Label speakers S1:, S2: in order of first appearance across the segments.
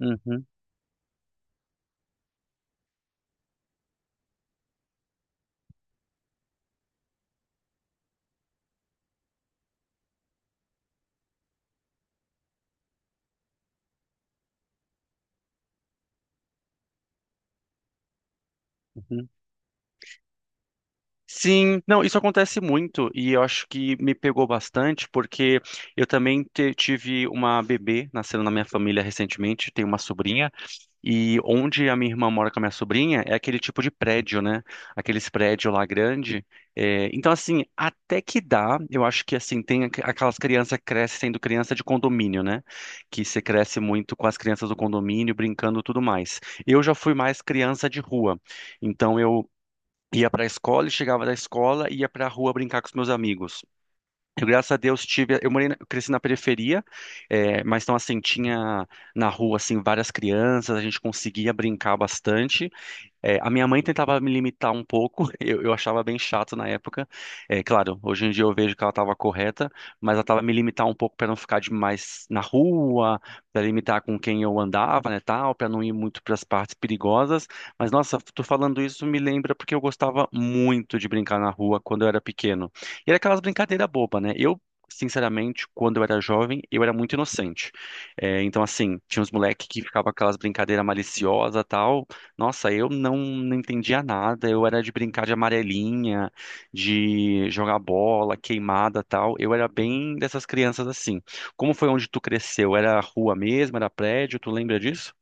S1: Uhum, uhum. Sim, não, isso acontece muito e eu acho que me pegou bastante porque eu também tive uma bebê nascendo na minha família recentemente, tenho uma sobrinha e onde a minha irmã mora com a minha sobrinha é aquele tipo de prédio, né? Aqueles prédios lá grande. É, então assim, até que dá, eu acho que assim tem aquelas crianças que crescem sendo criança de condomínio, né? Que você cresce muito com as crianças do condomínio brincando e tudo mais. Eu já fui mais criança de rua. Então eu ia para a escola e chegava da escola ia para a rua brincar com os meus amigos. Eu, graças a Deus, tive. Eu cresci na periferia, mas então, assim, tinha na rua, assim, várias crianças, a gente conseguia brincar bastante. É, a minha mãe tentava me limitar um pouco, eu achava bem chato na época. É, claro, hoje em dia eu vejo que ela estava correta, mas ela estava me limitar um pouco para não ficar demais na rua, para limitar com quem eu andava, né, tal, para não ir muito para as partes perigosas. Mas nossa, tu falando isso me lembra porque eu gostava muito de brincar na rua quando eu era pequeno. E era aquelas brincadeiras bobas, né? Eu Sinceramente, quando eu era jovem, eu era muito inocente. É, então, assim, tinha uns moleques que ficavam aquelas brincadeiras maliciosas tal, nossa, eu não entendia nada. Eu era de brincar de amarelinha, de jogar bola, queimada, tal. Eu era bem dessas crianças assim. Como foi onde tu cresceu? Era rua mesmo? Era prédio? Tu lembra disso?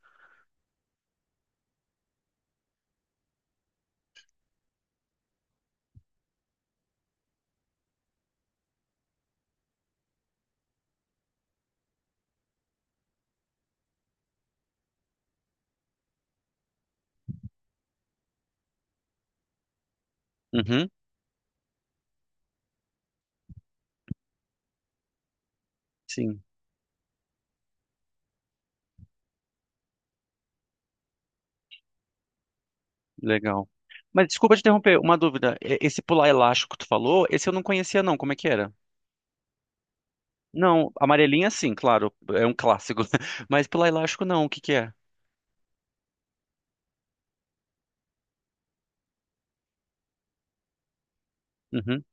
S1: Uhum, sim, legal. Mas desculpa te interromper, uma dúvida. Esse pular elástico que tu falou, esse eu não conhecia não. Como é que era? Não, amarelinha sim, claro, é um clássico. Mas pular elástico não, o que que é? Uhum.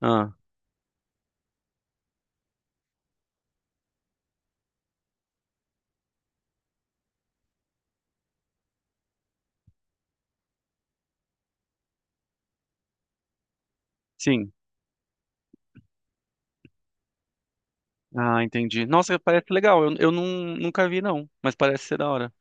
S1: Ah, sim. Ah, entendi. Nossa, parece legal. Nunca vi, não. Mas parece ser da hora.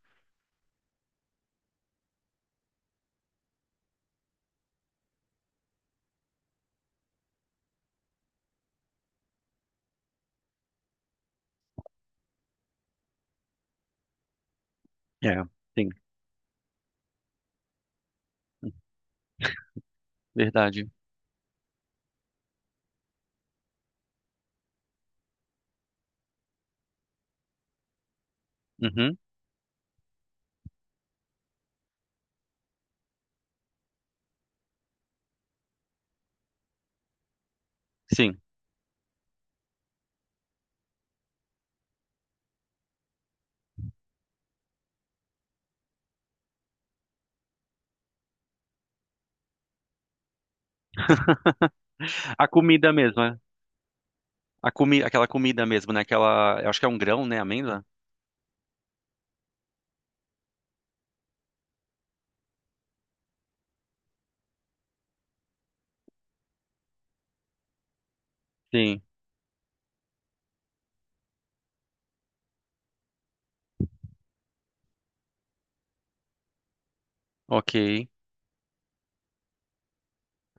S1: É, sim. Verdade. Uhum, sim. A comida mesmo, né? A comi Aquela comida mesmo, né? Aquela. Eu acho que é um grão, né? Amêndoa? Sim. Ok.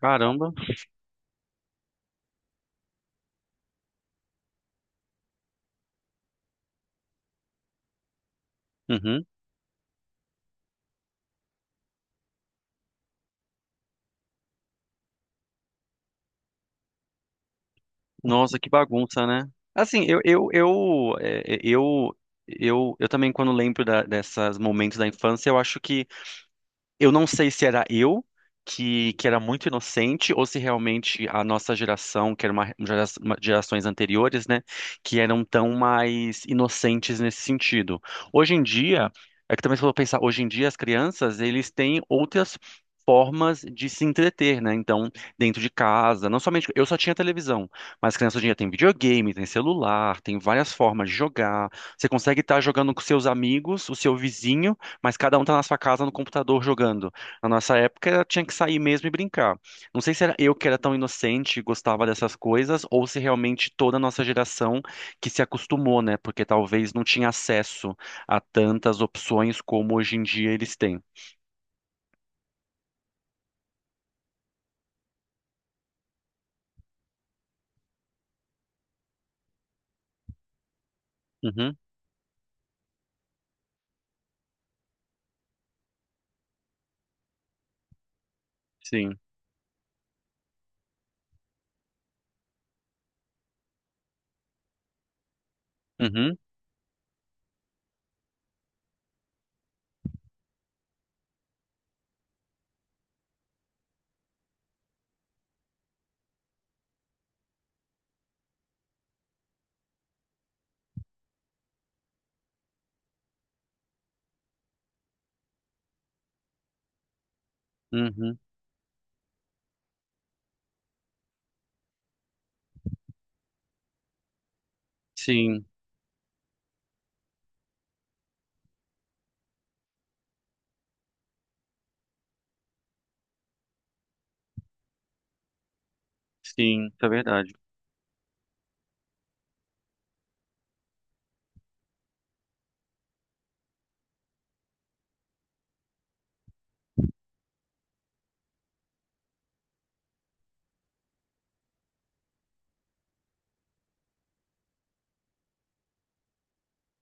S1: Caramba. Uhum. Nossa, que bagunça, né? Assim, eu, é, é, eu também, quando lembro dessas momentos da infância, eu acho que eu não sei se era eu que era muito inocente ou se realmente a nossa geração, que era gerações anteriores, né, que eram tão mais inocentes nesse sentido. Hoje em dia, é que também se for pensar, hoje em dia as crianças, eles têm outras formas de se entreter, né? Então, dentro de casa, não somente eu só tinha televisão, mas criança hoje em dia tem videogame, tem celular, tem várias formas de jogar. Você consegue estar jogando com seus amigos, o seu vizinho mas cada um tá na sua casa no computador jogando. Na nossa época tinha que sair mesmo e brincar. Não sei se era eu que era tão inocente e gostava dessas coisas, ou se realmente toda a nossa geração que se acostumou, né? Porque talvez não tinha acesso a tantas opções como hoje em dia eles têm. Uhum, sim. Uhum, uhum, sim, sim, isso é verdade.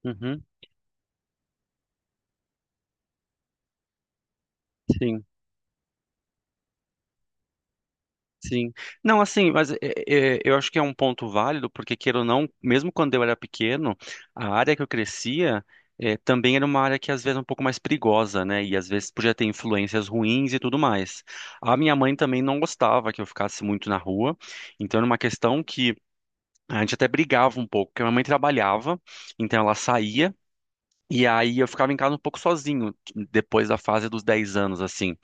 S1: Uhum, sim. Sim. Não, assim, mas eu acho que é um ponto válido, porque queira ou não, mesmo quando eu era pequeno, a área que eu crescia é, também era uma área que às vezes é um pouco mais perigosa, né? E às vezes podia ter influências ruins e tudo mais. A minha mãe também não gostava que eu ficasse muito na rua, então era uma questão que a gente até brigava um pouco, porque a minha mãe trabalhava, então ela saía. E aí eu ficava em casa um pouco sozinho, depois da fase dos 10 anos, assim.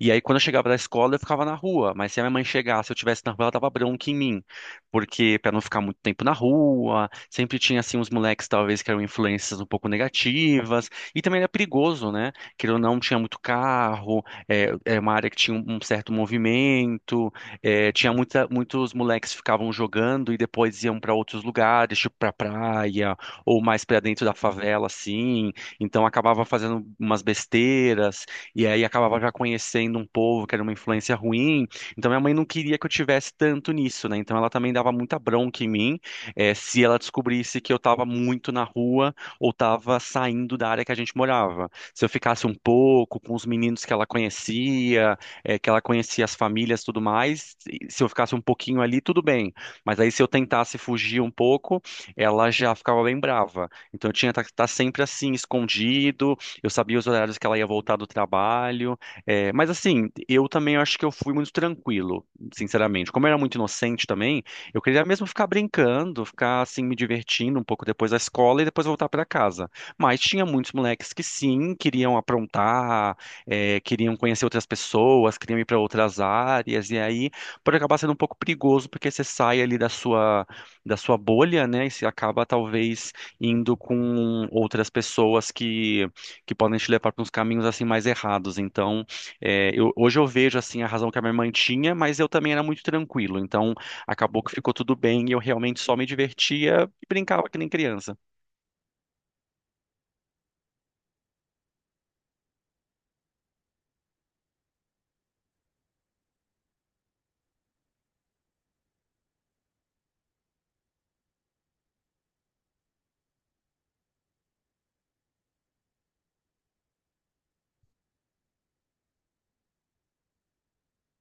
S1: E aí quando eu chegava da escola, eu ficava na rua, mas se a minha mãe chegasse, eu estivesse na rua, ela dava bronca em mim, porque para não ficar muito tempo na rua, sempre tinha, assim, uns moleques, talvez, que eram influências um pouco negativas, e também era perigoso, né? Que eu não, tinha muito carro, é uma área que tinha um certo movimento, é, tinha muitos moleques que ficavam jogando e depois iam para outros lugares, tipo pra praia, ou mais para dentro da favela, assim. Então acabava fazendo umas besteiras, e aí acabava já conhecendo um povo que era uma influência ruim. Então minha mãe não queria que eu tivesse tanto nisso, né? Então ela também dava muita bronca em mim, se ela descobrisse que eu estava muito na rua ou estava saindo da área que a gente morava. Se eu ficasse um pouco com os meninos que ela conhecia, que ela conhecia as famílias, e tudo mais, e se eu ficasse um pouquinho ali, tudo bem. Mas aí se eu tentasse fugir um pouco ela já ficava bem brava. Então eu tinha que estar sempre assim, escondido. Eu sabia os horários que ela ia voltar do trabalho. É, mas assim, eu também acho que eu fui muito tranquilo, sinceramente. Como eu era muito inocente também, eu queria mesmo ficar brincando, ficar assim, me divertindo um pouco depois da escola e depois voltar para casa. Mas tinha muitos moleques que sim, queriam aprontar, é, queriam conhecer outras pessoas, queriam ir para outras áreas. E aí pode acabar sendo um pouco perigoso, porque você sai ali da sua bolha, né? E se acaba talvez indo com outras pessoas que podem te levar para uns caminhos assim mais errados. Então, é, hoje eu vejo assim a razão que a minha irmã tinha, mas eu também era muito tranquilo. Então, acabou que ficou tudo bem e eu realmente só me divertia e brincava que nem criança.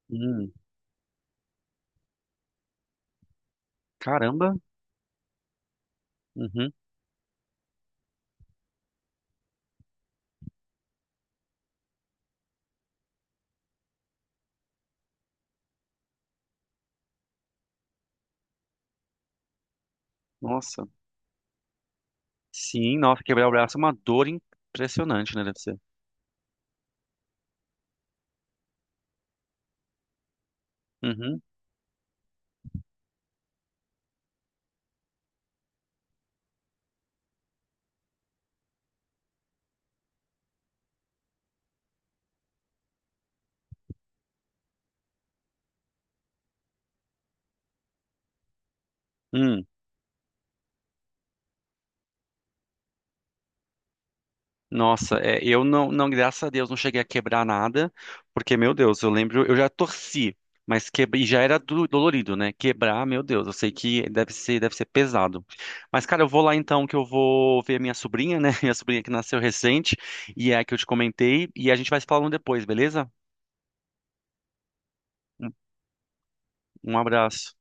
S1: Hum, caramba. Uhum. Nossa. Sim, nossa, quebrar o braço é uma dor impressionante, né? Deve ser. Uhum. Hum. Nossa, é, eu não, graças a Deus, não cheguei a quebrar nada, porque, meu Deus, eu lembro, eu já torci, mas que, e já era dolorido, né? Quebrar, meu Deus, eu sei que deve ser pesado. Mas, cara, eu vou lá então, que eu vou ver minha sobrinha, né? Minha sobrinha que nasceu recente, e é a que eu te comentei, e a gente vai se falando depois, beleza? Um, um abraço.